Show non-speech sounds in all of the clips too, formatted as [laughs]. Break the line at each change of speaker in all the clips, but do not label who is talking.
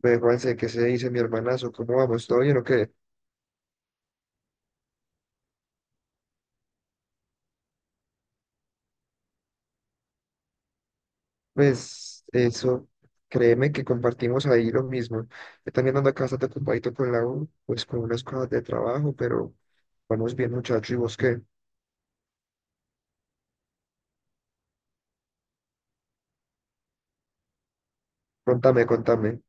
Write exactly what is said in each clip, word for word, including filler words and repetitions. Pues, Juanse, ¿qué se dice mi hermanazo? ¿Cómo vamos? ¿Todo bien o qué? Pues eso, créeme que compartimos ahí lo mismo. Yo también ando acá bastante ocupadito con la U, pues con unas cosas de trabajo, pero vamos bien, muchacho. ¿Y vos qué? Contame, contame.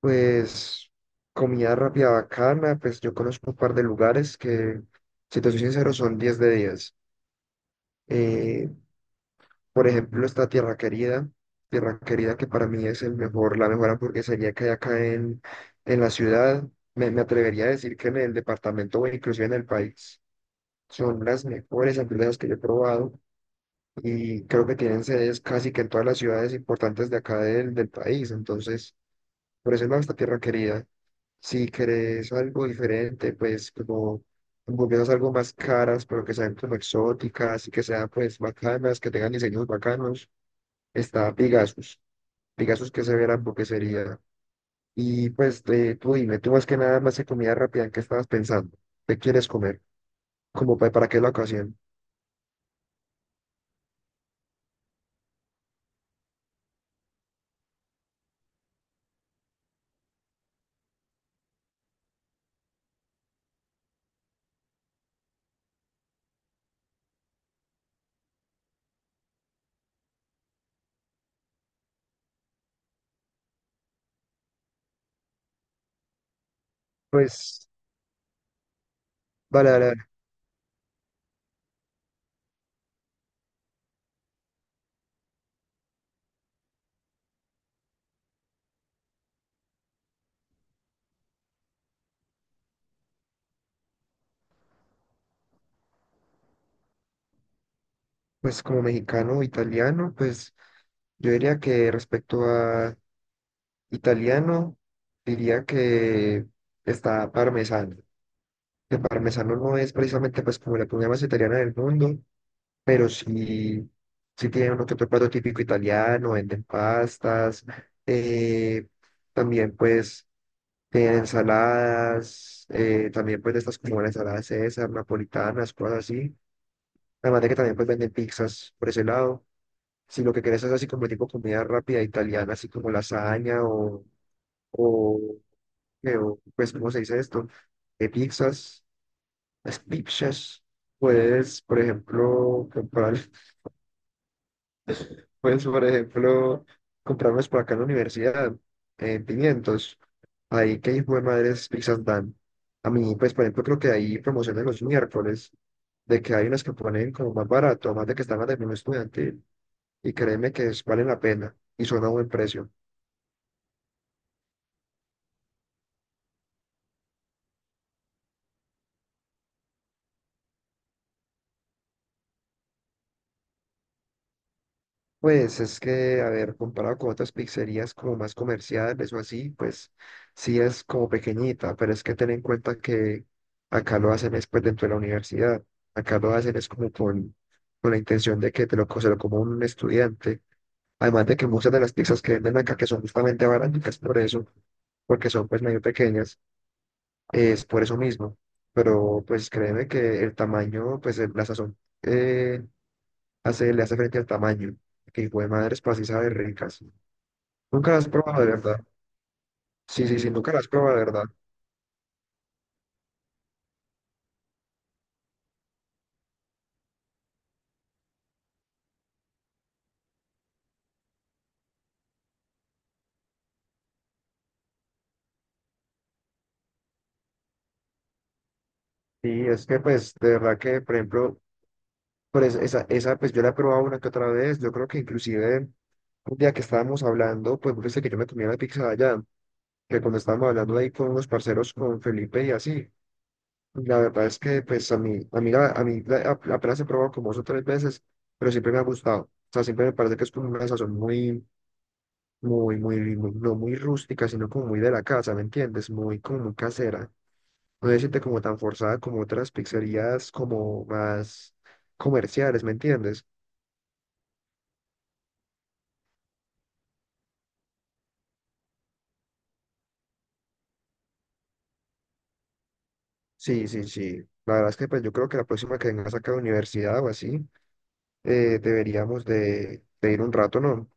Pues comida rápida bacana, pues yo conozco un par de lugares que, si te soy sincero, son diez de diez. Eh, Por ejemplo, esta Tierra Querida, Tierra Querida que para mí es el mejor, la mejor hamburguesería que hay acá en, en la ciudad. Me, me atrevería a decir que en el departamento o inclusive en el país son las mejores hamburguesas que yo he probado y creo que tienen sedes casi que en todas las ciudades importantes de acá del, del país. Entonces, por eso es esta Tierra Querida. Si querés algo diferente, pues como hamburguesas algo más caras, pero que sean como exóticas y que sean pues bacanas, que tengan diseños bacanos, está Pegasus. Pegasus que se verá en sería. Y pues, eh, tú dime, tú más que nada más de comida rápida, ¿en qué estabas pensando? ¿Qué quieres comer? ¿Como pa- para, qué la ocasión? Pues, vale, vale, vale. Pues como mexicano o italiano, pues yo diría que respecto a italiano, diría que está parmesano. Que parmesano no es precisamente pues como la comida más italiana del mundo, pero sí, sí tienen uno que otro plato típico italiano, venden pastas, eh, también pues tienen ensaladas, eh, también pues de estas como la ensalada César, napolitanas, cosas así, además de que también pues venden pizzas por ese lado, si lo que quieres es así como tipo comida rápida italiana, así como lasaña o, o, eh, o, pues ¿cómo se dice esto? Eh, pizzas, las pizzas, puedes por ejemplo comprar. [laughs] Pues, por ejemplo, comprarnos por acá en la universidad eh, quinientos. Ahí que hijo de madres pizzas dan. A mí, pues, por ejemplo, creo que ahí promociones los miércoles, de que hay unas que ponen como más barato, más de que están más de menú estudiantil. Y créeme que es- valen la pena y son a buen precio. Pues es que, a ver, comparado con otras pizzerías como más comerciales o así, pues sí es como pequeñita, pero es que ten en cuenta que acá lo hacen después dentro de la universidad, acá lo hacen es como con, con la intención de que te lo, co- se lo coma un estudiante, además de que muchas de las pizzas que venden acá que son justamente baratas por eso, porque son pues medio pequeñas, es por eso mismo, pero pues créeme que el tamaño, pues el- la sazón eh, hace, le hace frente al tamaño, que hijo de madres, pues así sabe ricas. ¿Nunca las has probado de verdad? Sí, sí, sí, nunca las has probado de verdad. sí es que, pues, de verdad que, por ejemplo, pues, esa, esa, pues yo la he probado una que otra vez. Yo creo que inclusive un día que estábamos hablando, pues, vos viste que yo me comía la pizza de allá, que cuando estábamos hablando ahí con unos parceros, con Felipe y así. La verdad es que, pues, a mí, a mí, la- a mí la- a- apenas he probado como dos o tres veces, pero siempre me ha gustado. O sea, siempre me parece que es como una sazón muy, muy, muy, muy- no muy rústica, sino como muy de la casa, ¿me entiendes? Muy, como muy casera. no se siente como tan forzada como otras pizzerías como más comerciales, ¿me entiendes? Sí, sí, sí. La verdad es que pues yo creo que la próxima que vengas acá a la universidad o así, eh, deberíamos de, de ir un rato, ¿no?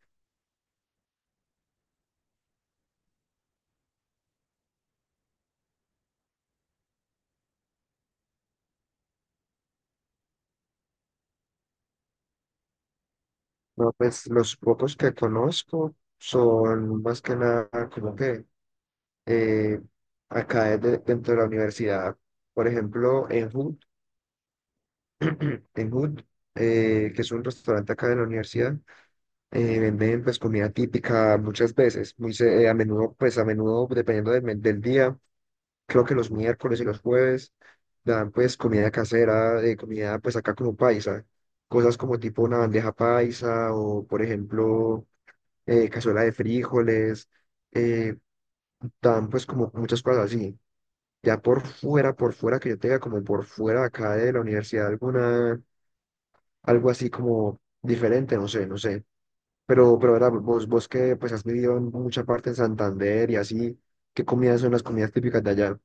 No, pues los pocos que conozco son más que nada como que eh, acá es de- dentro de la universidad. Por ejemplo, en hood en hood eh, que es un restaurante acá de la universidad, eh, venden pues comida típica muchas veces, muy se- eh, a menudo, pues a menudo, dependiendo del, me- del día, creo que los miércoles y los jueves dan pues comida casera, eh, comida pues acá como paisa, cosas como tipo una bandeja paisa o por ejemplo eh, cazuela de frijoles, eh, dan pues como muchas cosas así. Ya por fuera, por fuera que yo tenga como por fuera acá de la universidad alguna, algo así como diferente, no sé, no sé. Pero, pero, ¿verdad? Vos, vos que pues has vivido en mucha parte en Santander y así, ¿qué comidas son las comidas típicas de allá?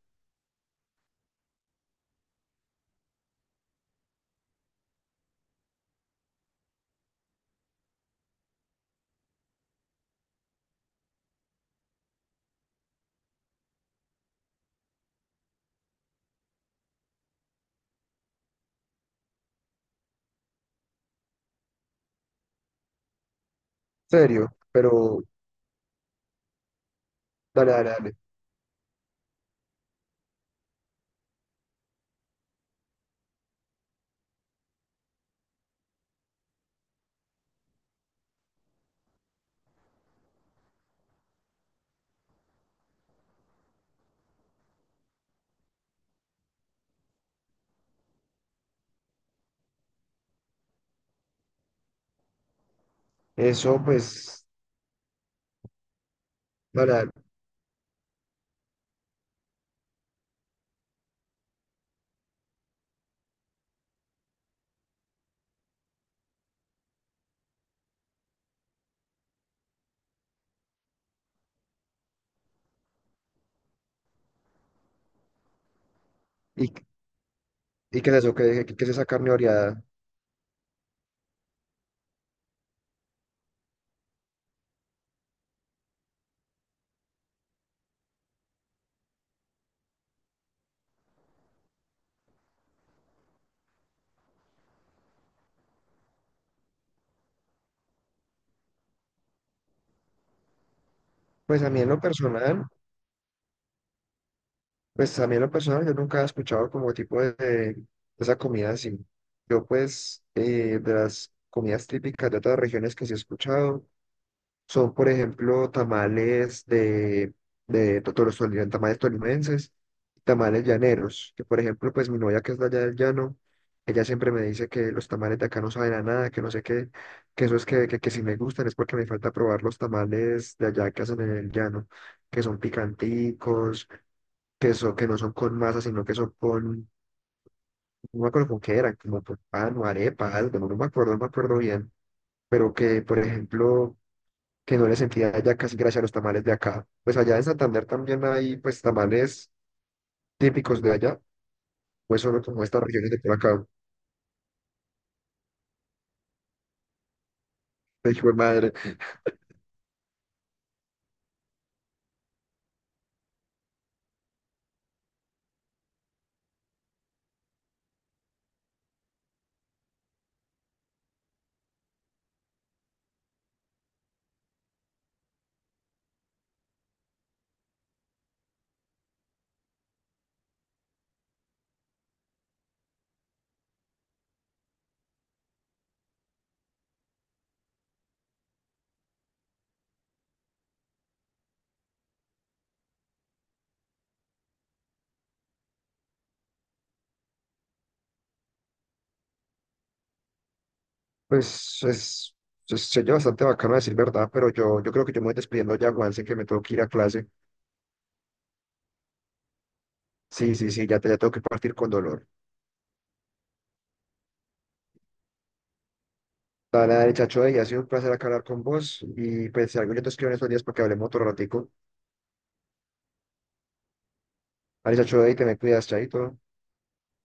¿Serio? Pero dale, dale, dale. Eso, pues, dale, dale. ¿Y, y qué es eso? ¿Qué, qué es esa carne oreada? Pues a mí en lo personal, pues a mí en lo personal yo nunca he escuchado como tipo de, de esa comida así. Yo pues eh, de las comidas típicas de otras regiones que sí he escuchado. Son, por ejemplo, tamales de, de to- los tamales tolimenses, tamales llaneros, que por ejemplo, pues mi novia que es de allá del llano, ella siempre me dice que los tamales de acá no saben a nada, que no sé qué, que eso es que, que, que si me gustan es porque me falta probar los tamales de allá que hacen en el llano, que son picanticos, que, son, que no son con masa, sino que son con, no me acuerdo con qué eran, como con pan o arepa, algo, no no me acuerdo, no me acuerdo bien, pero que, por ejemplo que no le sentía allá casi gracias a los tamales de acá. Pues allá en Santander también hay pues tamales típicos de allá, pues solo como estas regiones de por acá. Pues, hijo de madre, pues es, es- se oye bastante bacano decir verdad, pero yo, yo creo que yo me voy despidiendo ya, Juan, sé que me tengo que ir a clase. Sí, sí, sí, ya, te, ya tengo que partir con dolor. Dale, chacho, y ha sido un placer acá hablar con vos. Y pues si algo yo te escribo en estos días para que hablemos otro ratico. Dale, chacho, y te me cuidas, chaito.